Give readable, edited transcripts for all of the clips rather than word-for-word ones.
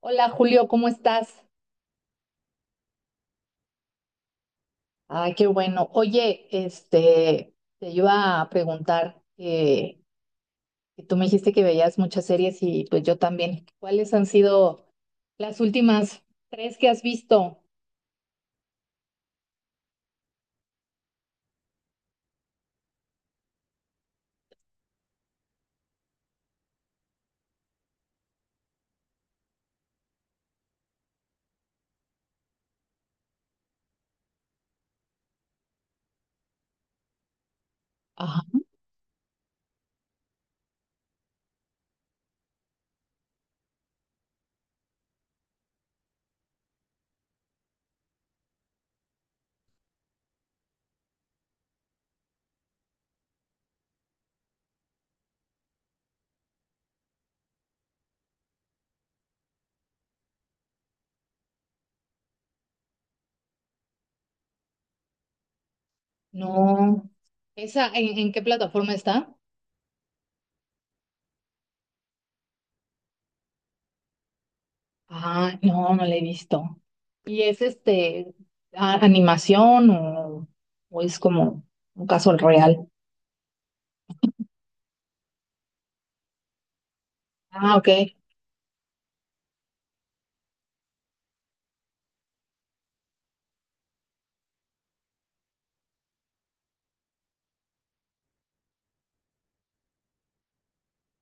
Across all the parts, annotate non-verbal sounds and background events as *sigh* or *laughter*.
Hola Julio, ¿cómo estás? Ay, qué bueno. Oye, te iba a preguntar que tú me dijiste que veías muchas series y pues yo también. ¿Cuáles han sido las últimas tres que has visto? Ajá, no. ¿Esa en qué plataforma está? Ah, no, no la he visto. ¿Y es animación o es como un caso real? Ah, ok.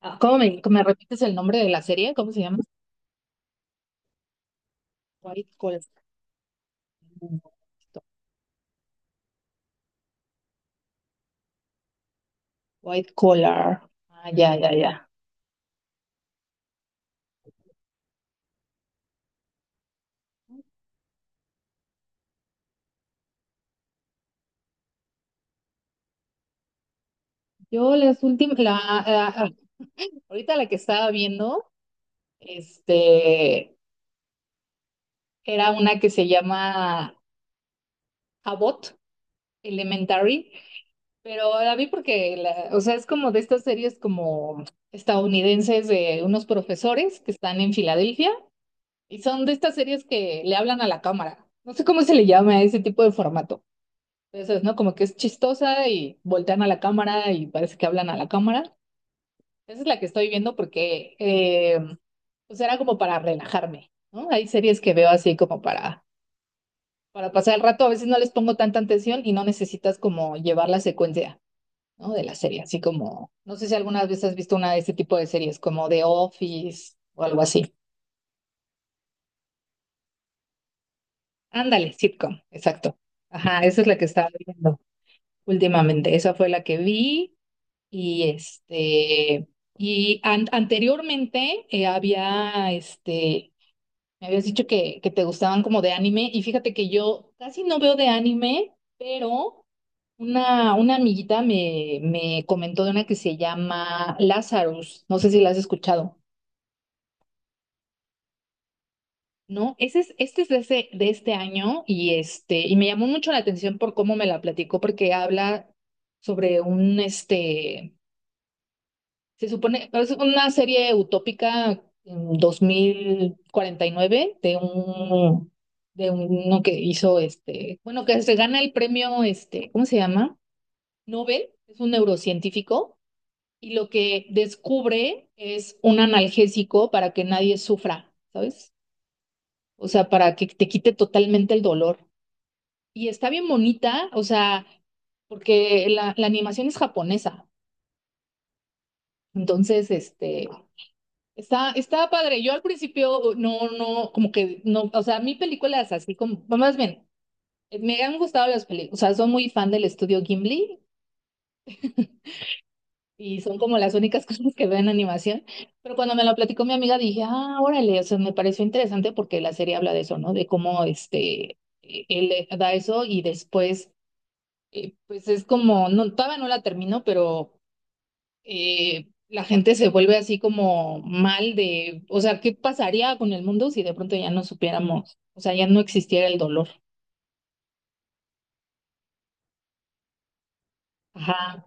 Ah, ¿cómo me repites el nombre de la serie? ¿Cómo se llama? White Collar. White collar. Ah, ya, ya, ya. Yo las últimas, ah, ahorita la que estaba viendo, este, era una que se llama Abbott Elementary, pero la vi porque, o sea, es como de estas series como estadounidenses de unos profesores que están en Filadelfia y son de estas series que le hablan a la cámara. No sé cómo se le llama a ese tipo de formato. Entonces, ¿no? Como que es chistosa y voltean a la cámara y parece que hablan a la cámara. Esa es la que estoy viendo porque pues era como para relajarme, ¿no? Hay series que veo así como para pasar el rato, a veces no les pongo tanta atención y no necesitas como llevar la secuencia, ¿no? De la serie, así como, no sé si alguna vez has visto una de este tipo de series, como The Office o algo así. Ándale, sitcom, exacto. Ajá, esa es la que estaba viendo últimamente, esa fue la que vi y este... Y anteriormente había me habías dicho que te gustaban como de anime y fíjate que yo casi no veo de anime, pero una amiguita me comentó de una que se llama Lazarus, no sé si la has escuchado, ¿no? Ese es, este es de, de este año este, y me llamó mucho la atención por cómo me la platicó porque habla sobre este, se supone, es una serie utópica en 2049 de un, de uno que hizo este, bueno, que se gana el premio, este, ¿cómo se llama? Nobel, es un neurocientífico, y lo que descubre es un analgésico para que nadie sufra, ¿sabes? O sea, para que te quite totalmente el dolor. Y está bien bonita, o sea, porque la animación es japonesa. Entonces, este, está, está padre. Yo al principio no, como que no, o sea, mi película es así como, más bien, me han gustado las películas, o sea, soy muy fan del estudio Ghibli y son como las únicas *laughs* cosas que veo en animación, pero cuando me lo platicó mi amiga dije, ah, órale, o sea, me pareció interesante porque la serie habla de eso, ¿no? De cómo este, él da eso y después, pues es como, no, todavía no la termino, pero la gente se vuelve así como mal de, o sea, ¿qué pasaría con el mundo si de pronto ya no supiéramos, o sea, ya no existiera el dolor? Ajá,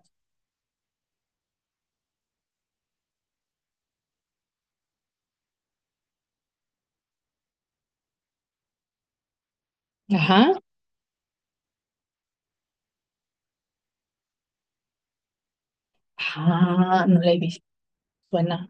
ajá, ajá, no la he visto, suena,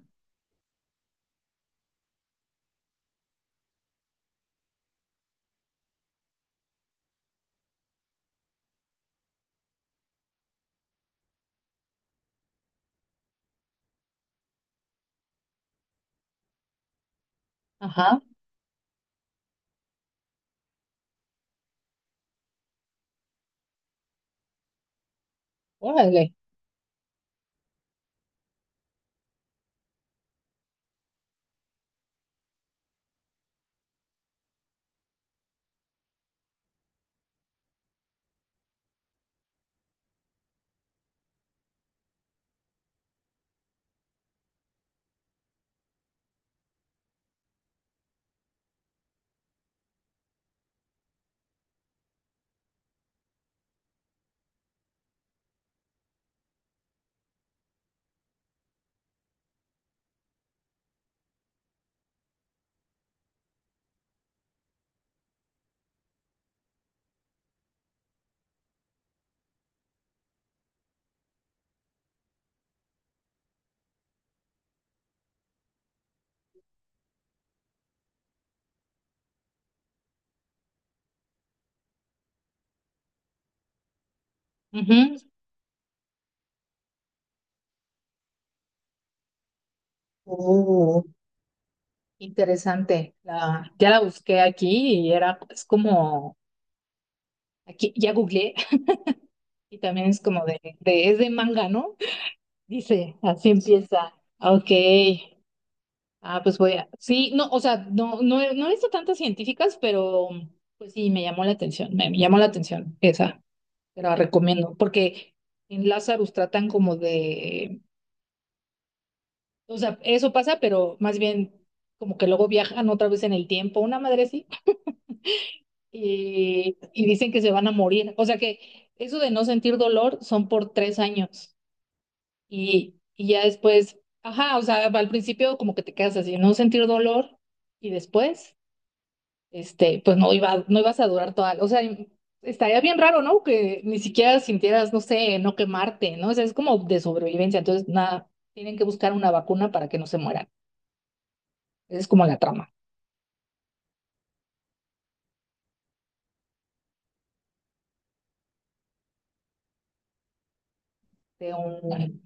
ajá, órale, ujú, uh, interesante, la, ya la busqué aquí y era, es como, aquí ya googleé *laughs* y también es como de, es de manga, ¿no? *laughs* Dice, así empieza, ok, ah, pues voy a. Sí, no, o sea, no, no he visto tantas científicas, pero pues sí, me llamó la atención, me, llamó la atención esa, te la recomiendo, porque en Lazarus tratan como de, o sea, eso pasa, pero más bien como que luego viajan otra vez en el tiempo, una madre sí, y dicen que se van a morir, o sea que eso de no sentir dolor son por 3 años y ya después, ajá, o sea, al principio como que te quedas así, no sentir dolor y después. Este, pues no iba, no ibas a durar toda, o sea, estaría bien raro, ¿no? Que ni siquiera sintieras, no sé, no quemarte, ¿no? O sea, es como de sobrevivencia, entonces nada, tienen que buscar una vacuna para que no se mueran. Esa es como la trama de un...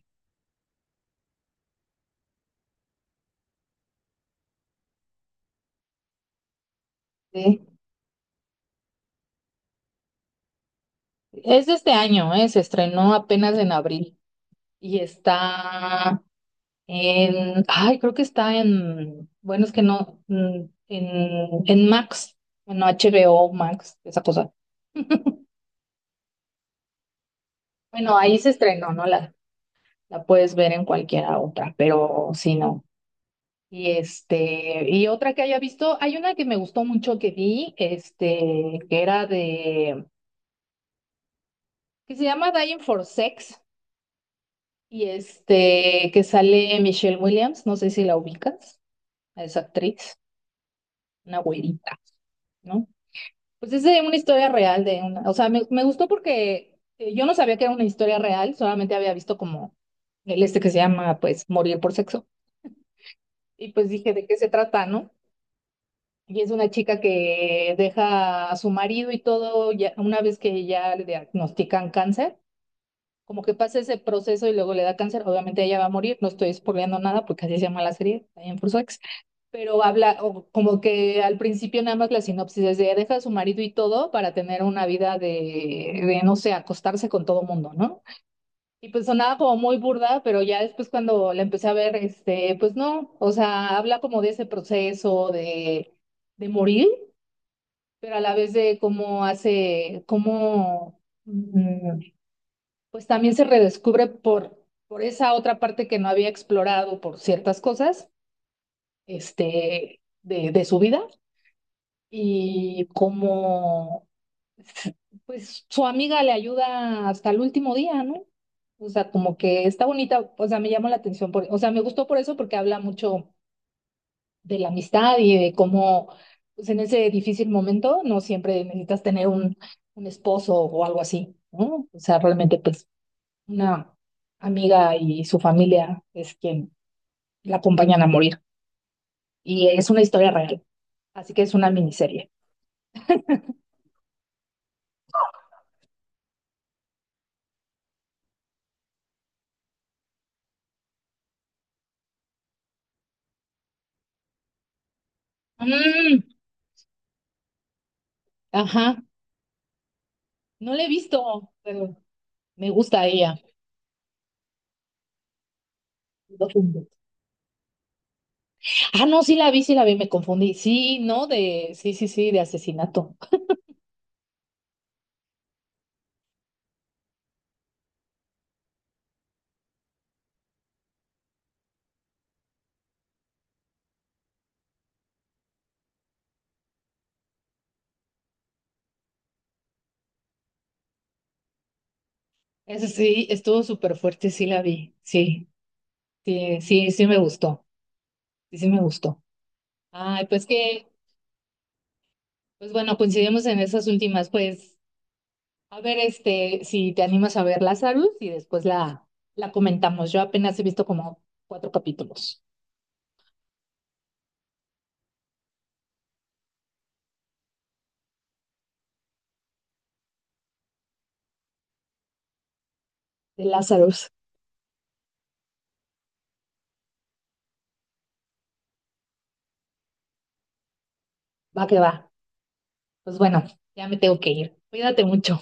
de- es de este año, ¿eh? Se estrenó apenas en abril y está en, ay, creo que está en, bueno, es que no, mm, en Max, bueno, HBO Max, esa cosa. *laughs* Bueno, ahí se estrenó, ¿no? La puedes ver en cualquiera otra, pero si no. Y este, y otra que haya visto, hay una que me gustó mucho que vi, este, que era de, que se llama Dying for Sex, y este, que sale Michelle Williams, no sé si la ubicas, esa actriz, una güerita, ¿no? Pues es de una historia real de una, o sea, me gustó porque yo no sabía que era una historia real, solamente había visto como el este que se llama, pues, Morir por Sexo, y pues dije, ¿de qué se trata, no? Y es una chica que deja a su marido y todo, ya, una vez que ya le diagnostican cáncer, como que pasa ese proceso y luego le da cáncer, obviamente ella va a morir, no estoy spoileando nada porque así se llama la serie, también por Ex, pero habla o como que al principio nada más la sinopsis es de deja a su marido y todo para tener una vida de no sé, acostarse con todo mundo, ¿no? Y pues sonaba como muy burda, pero ya después cuando la empecé a ver, este, pues no, o sea, habla como de ese proceso de morir pero a la vez de cómo hace, cómo, mm, pues también se redescubre por esa otra parte que no había explorado por ciertas cosas, este, de su vida y cómo, pues su amiga le ayuda hasta el último día, ¿no? O sea, como que está bonita, o sea, me llamó la atención, por, o sea, me gustó por eso porque habla mucho de la amistad y de cómo, pues en ese difícil momento, no siempre necesitas tener un esposo o algo así, ¿no? O sea, realmente, pues, una amiga y su familia es quien la acompañan a morir. Y es una historia real, así que es una miniserie. Mm, ajá, no la he visto, pero me gusta ella. Lo juro. Ah, no, sí la vi, me confundí. Sí, no, de, sí, sí, sí, de asesinato. Eso sí, estuvo súper fuerte, sí la vi, sí. Sí, sí, sí me gustó, sí, sí me gustó. Ay, pues que, pues bueno, coincidimos en esas últimas, pues, a ver, este, si te animas a ver Lazarus y después la comentamos. Yo apenas he visto como 4 capítulos de Lazarus. Va que va. Pues bueno, ya me tengo que ir. Cuídate mucho.